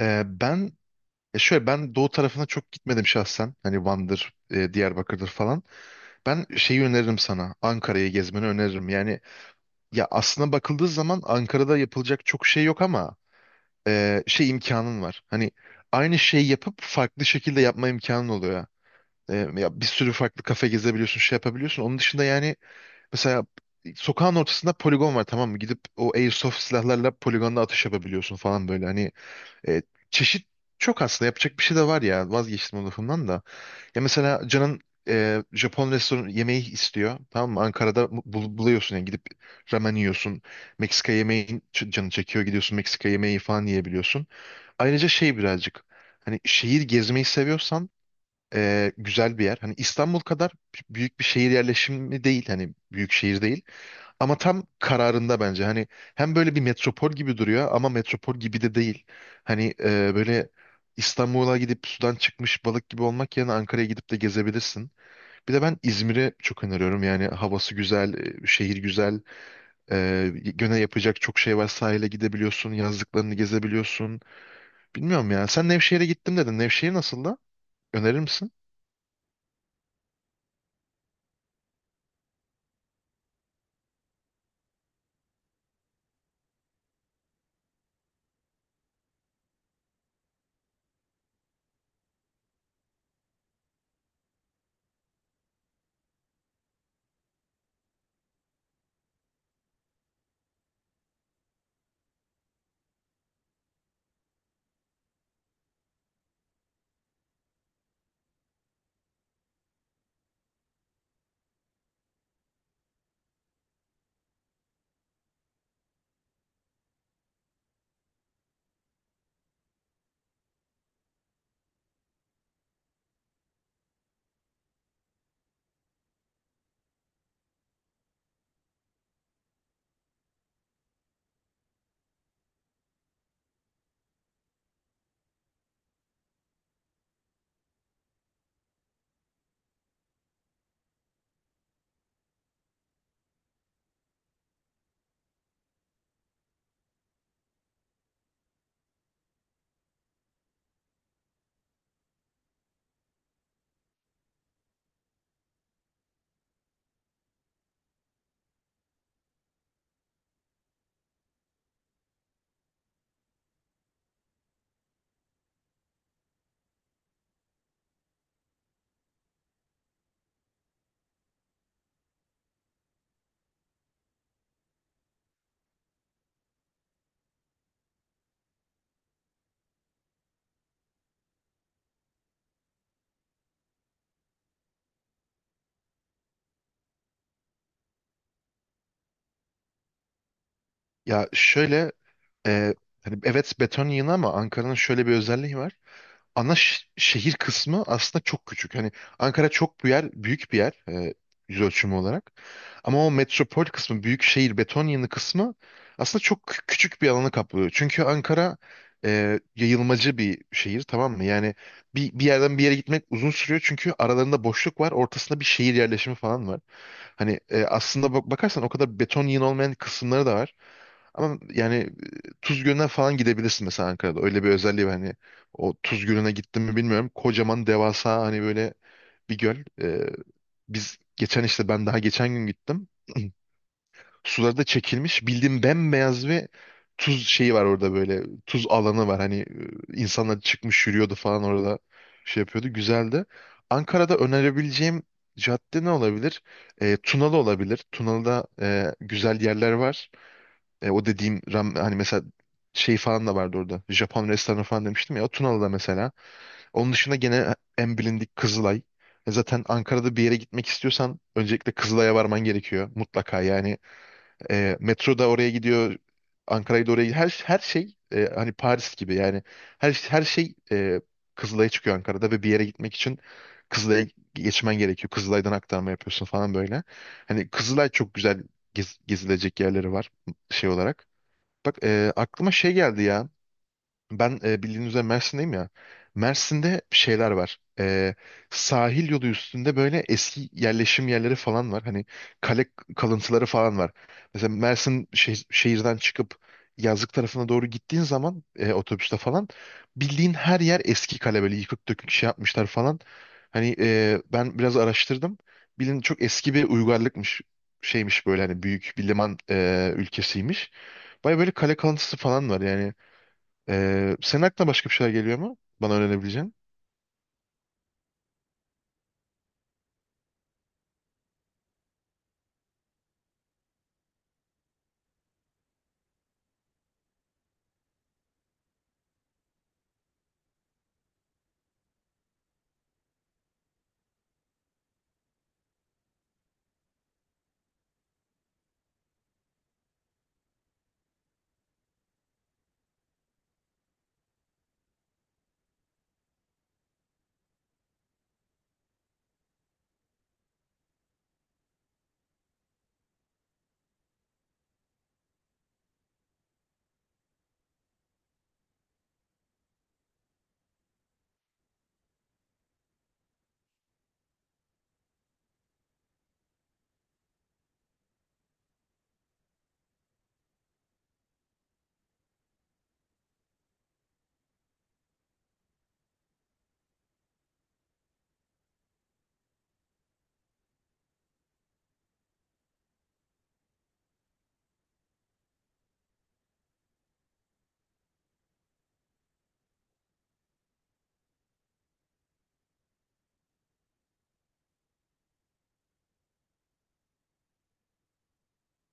Ee, ben şöyle, ben doğu tarafına çok gitmedim şahsen. Hani Van'dır, Diyarbakır'dır falan. Ben şeyi öneririm sana. Ankara'yı gezmeni öneririm. Yani ya aslına bakıldığı zaman Ankara'da yapılacak çok şey yok ama şey, imkanın var. Hani aynı şeyi yapıp farklı şekilde yapma imkanın oluyor. Ya bir sürü farklı kafe gezebiliyorsun, şey yapabiliyorsun. Onun dışında yani mesela sokağın ortasında poligon var, tamam mı? Gidip o airsoft silahlarla poligonda atış yapabiliyorsun falan böyle. Hani e, çeşit çok, aslında yapacak bir şey de var ya, vazgeçtim o lafımdan da. Ya mesela Can'ın Japon restoran yemeği istiyor, tamam mı? Ankara'da buluyorsun yani, gidip ramen yiyorsun. Meksika yemeği canı çekiyor, gidiyorsun Meksika yemeği falan yiyebiliyorsun. Ayrıca şey, birazcık hani şehir gezmeyi seviyorsan güzel bir yer. Hani İstanbul kadar büyük bir şehir yerleşimi değil, hani büyük şehir değil. Ama tam kararında bence. Hani hem böyle bir metropol gibi duruyor ama metropol gibi de değil. Hani böyle İstanbul'a gidip sudan çıkmış balık gibi olmak yerine Ankara'ya gidip de gezebilirsin. Bir de ben İzmir'e çok öneriyorum. Yani havası güzel, şehir güzel. Gene yapacak çok şey var. Sahile gidebiliyorsun, yazlıklarını gezebiliyorsun. Bilmiyorum ya. Sen Nevşehir'e gittim dedin. Nevşehir nasıl da? Önerir misin? Ya şöyle, e, hani evet, beton yığını ama Ankara'nın şöyle bir özelliği var. Ana şehir kısmı aslında çok küçük. Hani Ankara çok bir yer, büyük bir yer yüz ölçümü olarak. Ama o metropol kısmı, büyük şehir, beton yığını kısmı aslında çok küçük bir alanı kaplıyor. Çünkü Ankara yayılmacı bir şehir, tamam mı? Yani bir yerden bir yere gitmek uzun sürüyor, çünkü aralarında boşluk var, ortasında bir şehir yerleşimi falan var. Hani aslında bak bakarsan o kadar beton yığın olmayan kısımları da var. Ama yani Tuz Gölü'ne falan gidebilirsin mesela Ankara'da. Öyle bir özelliği var. Hani o Tuz Gölü'ne gittim mi bilmiyorum. Kocaman, devasa, hani böyle bir göl. Ee, Biz geçen işte, ben daha geçen gün gittim. Suları da çekilmiş. Bildiğim bembeyaz bir tuz şeyi var orada böyle. Tuz alanı var. Hani insanlar çıkmış yürüyordu falan orada, şey yapıyordu. Güzeldi. Ankara'da önerebileceğim cadde ne olabilir? Tunalı olabilir. Tunalı'da güzel yerler var. O dediğim ram, hani mesela şey falan da vardı orada. Japon restoranı falan demiştim ya. O Tunalı'da mesela. Onun dışında gene en bilindik Kızılay. Zaten Ankara'da bir yere gitmek istiyorsan öncelikle Kızılay'a varman gerekiyor mutlaka. Yani metro da oraya gidiyor. Ankara'yı da oraya gidiyor. Her şey hani Paris gibi yani. Her şey Kızılay'a çıkıyor Ankara'da ve bir yere gitmek için Kızılay'a geçmen gerekiyor. Kızılay'dan aktarma yapıyorsun falan böyle. Hani Kızılay çok güzel, gezilecek yerleri var şey olarak. Bak aklıma şey geldi ya. Ben bildiğiniz üzere Mersin'deyim ya. Mersin'de şeyler var. Sahil yolu üstünde böyle eski yerleşim yerleri falan var. Hani kale kalıntıları falan var. Mesela Mersin şehirden çıkıp yazlık tarafına doğru gittiğin zaman otobüste falan bildiğin her yer eski kale, böyle yıkık dökük şey yapmışlar falan. Hani ben biraz araştırdım. Bilin çok eski bir uygarlıkmış, şeymiş böyle, hani büyük bir liman ülkesiymiş. Baya böyle kale kalıntısı falan var yani. Senin aklına başka bir şeyler geliyor mu? Bana öğrenebileceğin.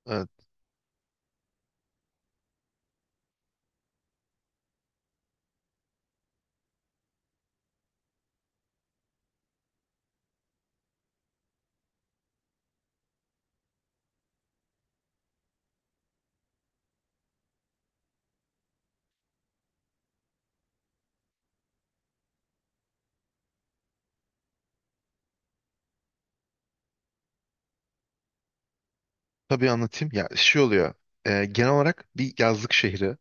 Ee, tabii anlatayım. Ya şey oluyor. Genel olarak bir yazlık şehri.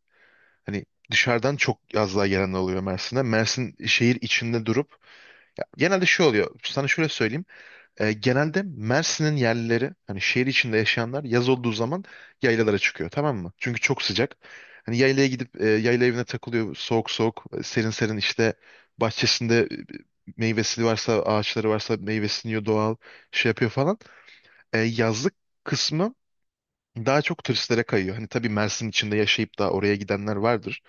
Hani dışarıdan çok yazlığa gelenler oluyor Mersin'de. Mersin şehir içinde durup. Ya, genelde şey oluyor. Sana şöyle söyleyeyim. Genelde Mersin'in yerlileri, hani şehir içinde yaşayanlar, yaz olduğu zaman yaylalara çıkıyor, tamam mı? Çünkü çok sıcak. Hani yaylaya gidip yayla evine takılıyor, soğuk soğuk serin serin, işte bahçesinde meyvesi varsa, ağaçları varsa, meyvesini yiyor, doğal şey yapıyor falan. Yazlık kısmı daha çok turistlere kayıyor. Hani tabii Mersin içinde yaşayıp da oraya gidenler vardır.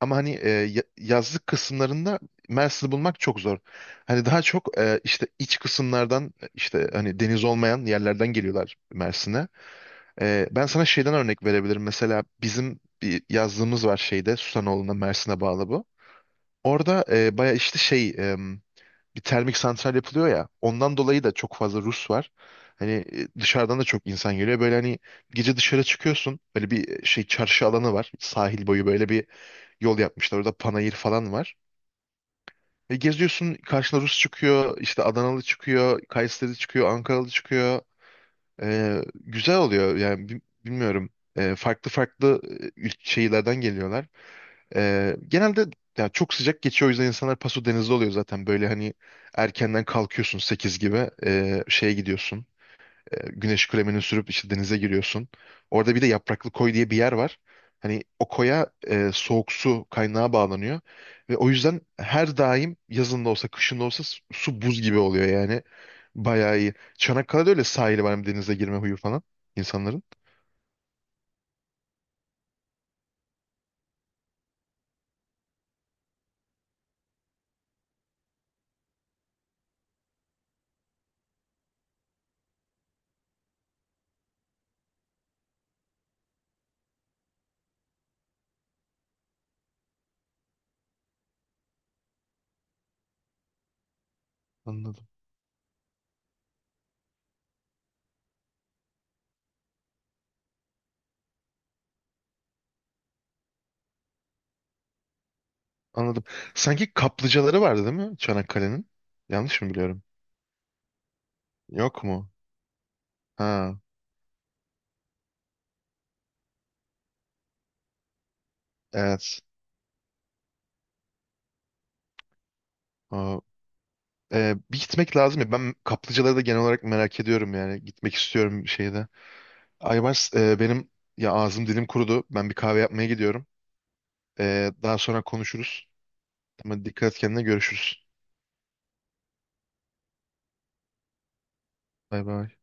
Ama hani yazlık kısımlarında Mersin'i bulmak çok zor. Hani daha çok işte iç kısımlardan, işte hani deniz olmayan yerlerden geliyorlar Mersin'e. Ben sana şeyden örnek verebilirim. Mesela bizim bir yazlığımız var şeyde, Susanoğlu'na, Mersin'e bağlı bu. Orada baya işte şey, bir termik santral yapılıyor ya. Ondan dolayı da çok fazla Rus var. Hani dışarıdan da çok insan geliyor. Böyle hani gece dışarı çıkıyorsun. Böyle bir şey çarşı alanı var. Sahil boyu böyle bir yol yapmışlar. Orada panayır falan var. Ve geziyorsun, karşına Rus çıkıyor, işte Adanalı çıkıyor, Kayseri çıkıyor, Ankaralı çıkıyor. Güzel oluyor yani, bilmiyorum. Farklı farklı şeylerden geliyorlar. Genelde ya çok sıcak geçiyor, o yüzden insanlar Paso Denizi'de oluyor zaten. Böyle hani erkenden kalkıyorsun 8 gibi, şeye gidiyorsun. Güneş kremini sürüp işte denize giriyorsun. Orada bir de Yapraklı Koy diye bir yer var. Hani o koya soğuk su kaynağı bağlanıyor. Ve o yüzden her daim, yazın da olsa, kışın da olsa, su buz gibi oluyor yani. Bayağı iyi. Çanakkale'de öyle sahili var, hem denize girme huyu falan insanların. Anladım. Anladım. Sanki kaplıcaları vardı değil mi Çanakkale'nin? Yanlış mı biliyorum? Yok mu? Ha, evet. O, bir gitmek lazım ya. Ben kaplıcaları da genel olarak merak ediyorum yani. Gitmek istiyorum bir şeyde. Aybars, benim ya, ağzım dilim kurudu. Ben bir kahve yapmaya gidiyorum. Daha sonra konuşuruz. Tamam, dikkat et kendine, görüşürüz. Bay bay.